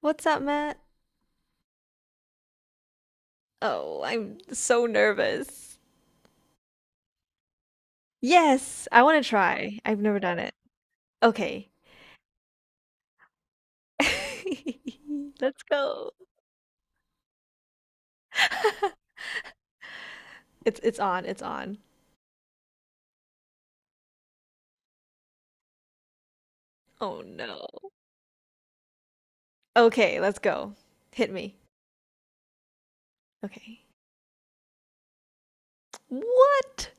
What's up, Matt? Oh, I'm so nervous. Yes, I want to try. I've never done it. Okay. Let's go. It's on. It's on. Oh no. Okay, let's go. Hit me. Okay. What?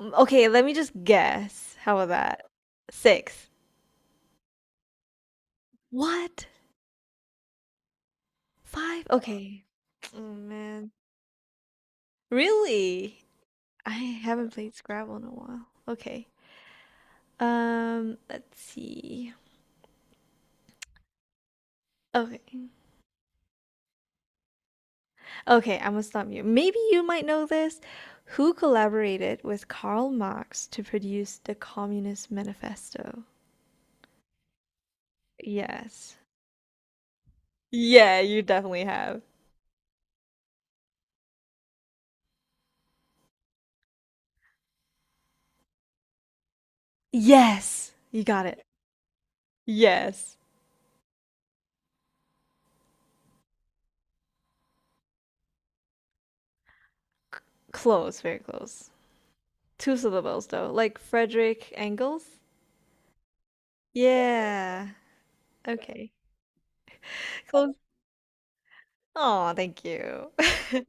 Okay, let me just guess. How about that? Six. What? Five? Okay. Oh man. Really? I haven't played Scrabble in a while. Okay. Let's see. Okay. Okay, I'm gonna stop you. Maybe you might know this. Who collaborated with Karl Marx to produce the Communist Manifesto? Yes. Yeah, you definitely have. Yes! You got it. Yes. Close, very close. Two syllables though, like Frederick Engels? Yeah. Okay. Close. Oh, thank you.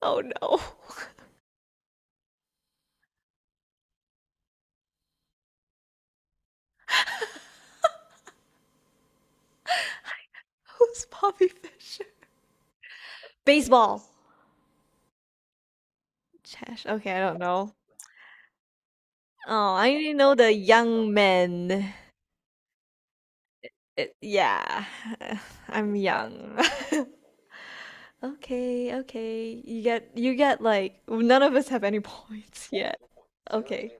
Oh no. Who's Bobby Fischer? Baseball. Chesh. Okay, I don't know. Oh, I only know the young men. It, yeah, I'm young. Okay, okay. You get like none of us have any points yet. Okay.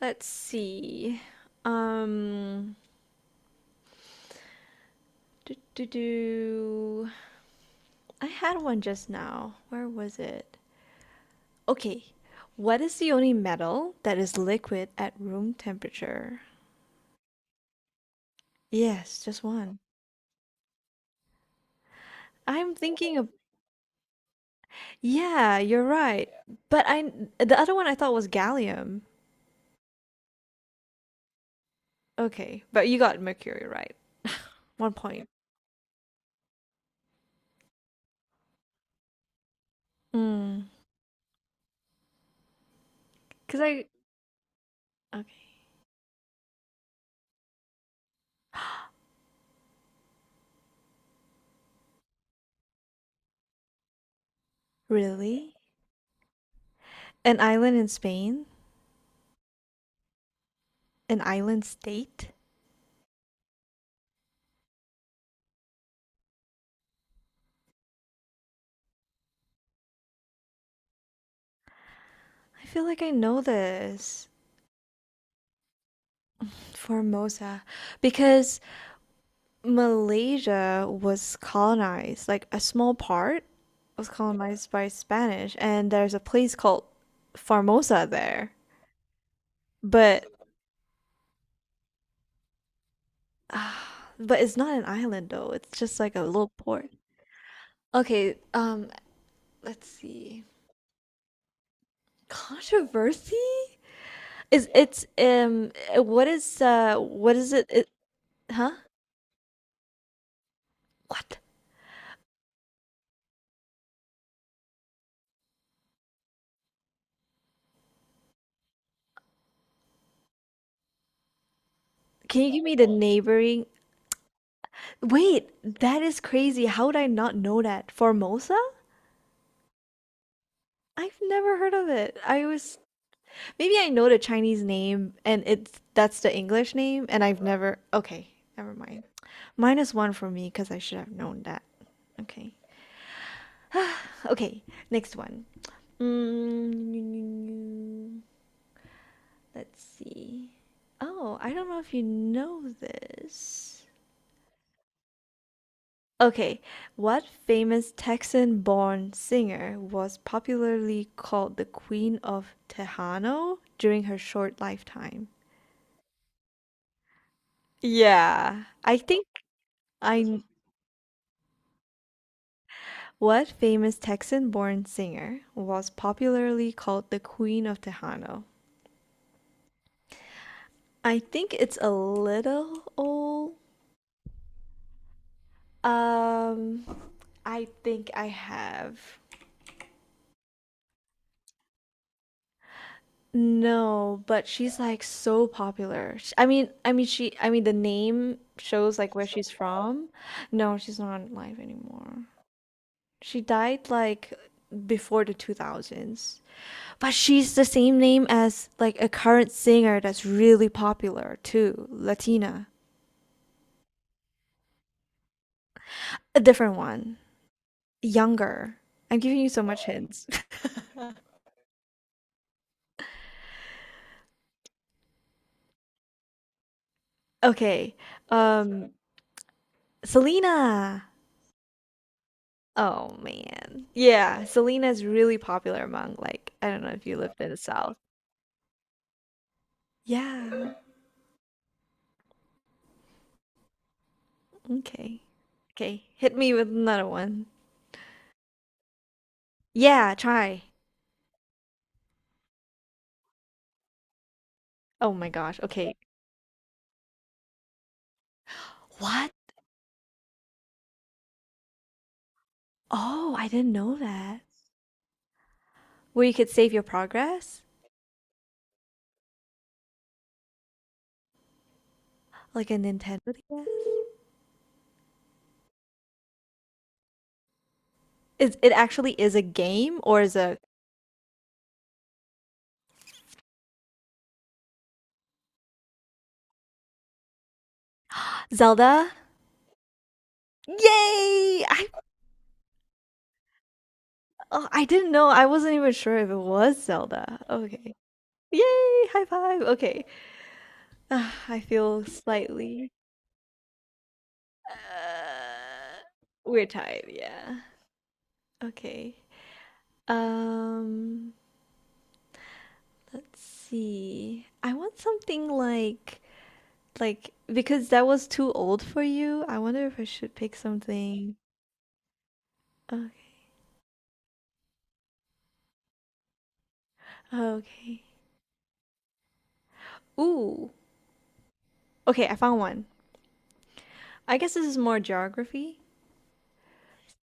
Let's see. Um do do do. I had one just now. Where was it? Okay. What is the only metal that is liquid at room temperature? Yes, just one. I'm thinking of Yeah, you're right. But I the other one I thought was gallium. Okay, but you got mercury right. One point. Mm. Cause I okay. Really? An island in Spain? An island state? I feel like I know this. Formosa. Because Malaysia was colonized, like a small part was colonized by Spanish, and there's a place called Formosa there. But Ah, but it's not an island though. It's just like a little port. Okay, let's see. Controversy? Is it's what is it, it huh? What? Can you give me the neighboring? Wait, that is crazy. How would I not know that? Formosa? I've never heard of it. I was maybe I know the Chinese name and it's that's the English name and I've never okay, never mind. Minus one for me because I should have known that. Okay. okay, next one. Mm, let's see. Oh, I don't know if you know this. Okay, what famous Texan born singer was popularly called the Queen of Tejano during her short lifetime? Yeah, I think I. What famous Texan born singer was popularly called the Queen of Tejano? I think it's a little old. Um, I think I have. No, but she's like so popular. I mean she the name shows like where she's from. No, she's not alive anymore. She died before the 2000s. But she's the same name as like a current singer that's really popular too, Latina. A different one, younger. I'm giving you so much hints. Okay. Um, Selena. Oh man. Yeah, Selena is really popular among like I don't know if you lived in the South. Yeah. Okay. Okay. Hit me with another one. Yeah, try. Oh my gosh. Okay. What? Oh, I didn't know that. Where you could save your progress? Like a Nintendo DS? Is it actually is a game or is a Zelda? Yay! I Oh, I didn't know. I wasn't even sure if it was Zelda. Okay. Yay! High five. Okay. Ah, I feel slightly uh, we're tired, yeah. Okay. Um, let's see. I want something like because that was too old for you. I wonder if I should pick something. Okay. Okay. Ooh. Okay, I found one. I guess this is more geography.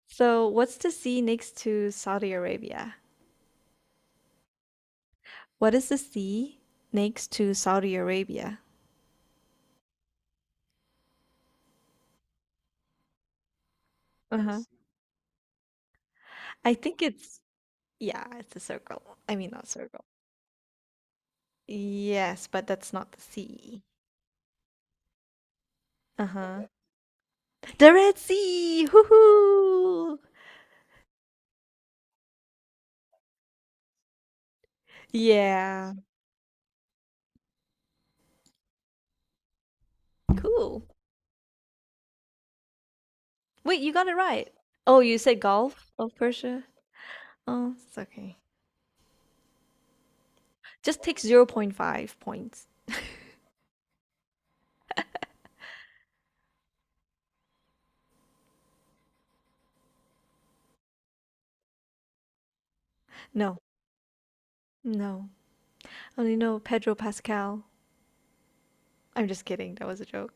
So, what's the sea next to Saudi Arabia? What is the sea next to Saudi Arabia? Uh-huh. I think it's Yeah, it's a circle. I mean, not circle. Yes, but that's not the sea. Uh-huh. The Red Sea! Hoo-hoo! Yeah. Cool. Wait, you got it right. Oh, you said Gulf of Persia? Oh, it's okay. Just take zero point 0.5 points. No, no. I only know Pedro Pascal. I'm just kidding. That was a joke.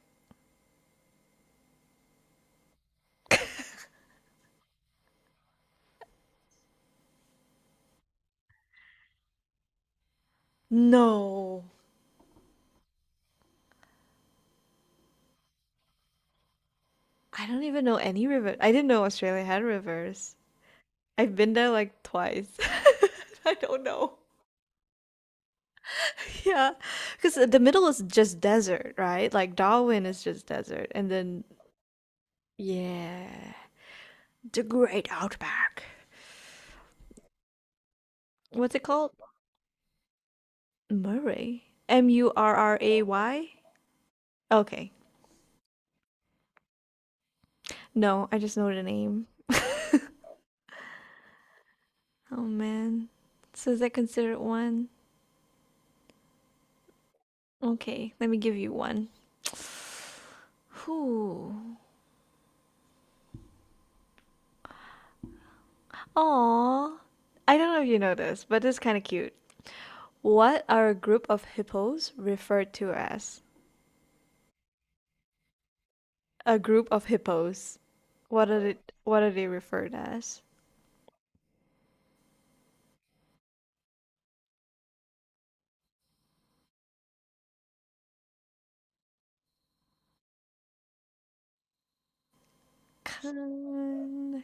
No. I don't even know any river. I didn't know Australia had rivers. I've been there like twice. I don't know. Yeah, because the middle is just desert, right? Like Darwin is just desert, and then yeah, the Great Outback. What's it called? Murray. M U R R A Y. Okay. No, I just know the name. Oh man. So is that considered one? Okay, let me give you one. Whew. Aw. I don't know if you know this, but it's kind of cute. What are a group of hippos referred to as? A group of hippos. What are it? What are they referred as? Kan-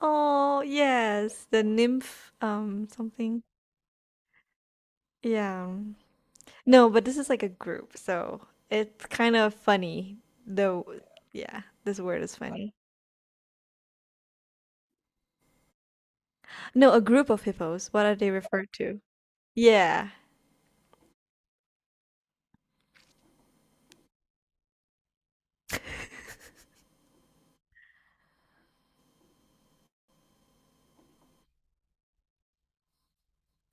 Oh, yes, the nymph. Something. Yeah. No, but this is like a group, so it's kind of funny. Though, yeah, this word is funny. No, a group of hippos. What are they referred to? Yeah,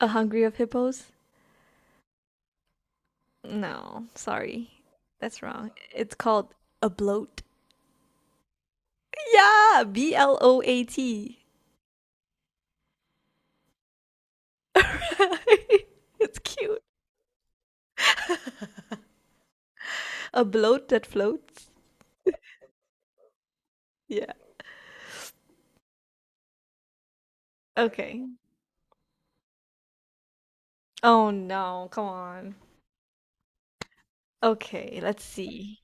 a hungry of hippos. No, sorry. That's wrong. It's called a bloat. Yeah, bloat. it's cute. A bloat that floats. Yeah. Okay. Oh no, come on. Okay, let's see.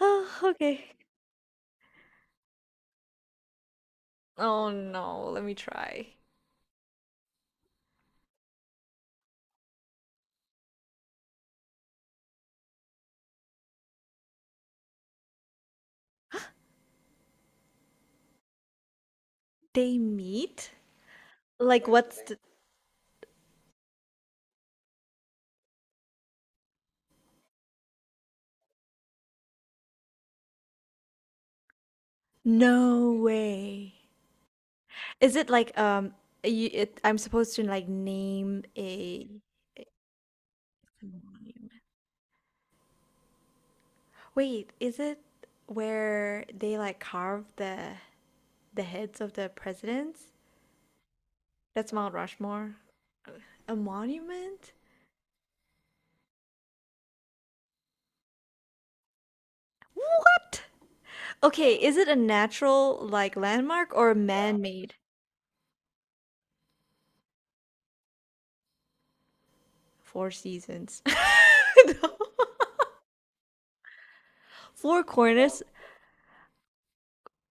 Oh, okay. Oh no, let me try. They meet? Like what's the No way. Is it like you I'm supposed to like name a monument. Wait, is it where they like carve the heads of the presidents? That's Mount Rushmore. A monument? What? Okay, is it a natural like landmark or a man-made? Four seasons. No. Four corners,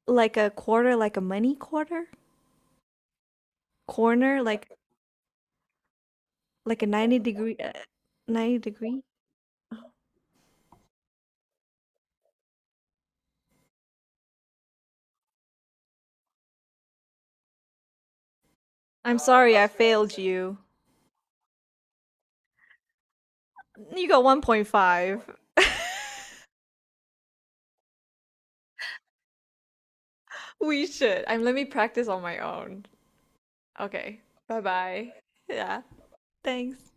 like a quarter, like a money quarter? Corner, like a 90 degree 90 degree? I'm sorry, I failed you. You got 1.5. We should. I'm let me practice on my own. Okay. Bye-bye. Yeah. Thanks.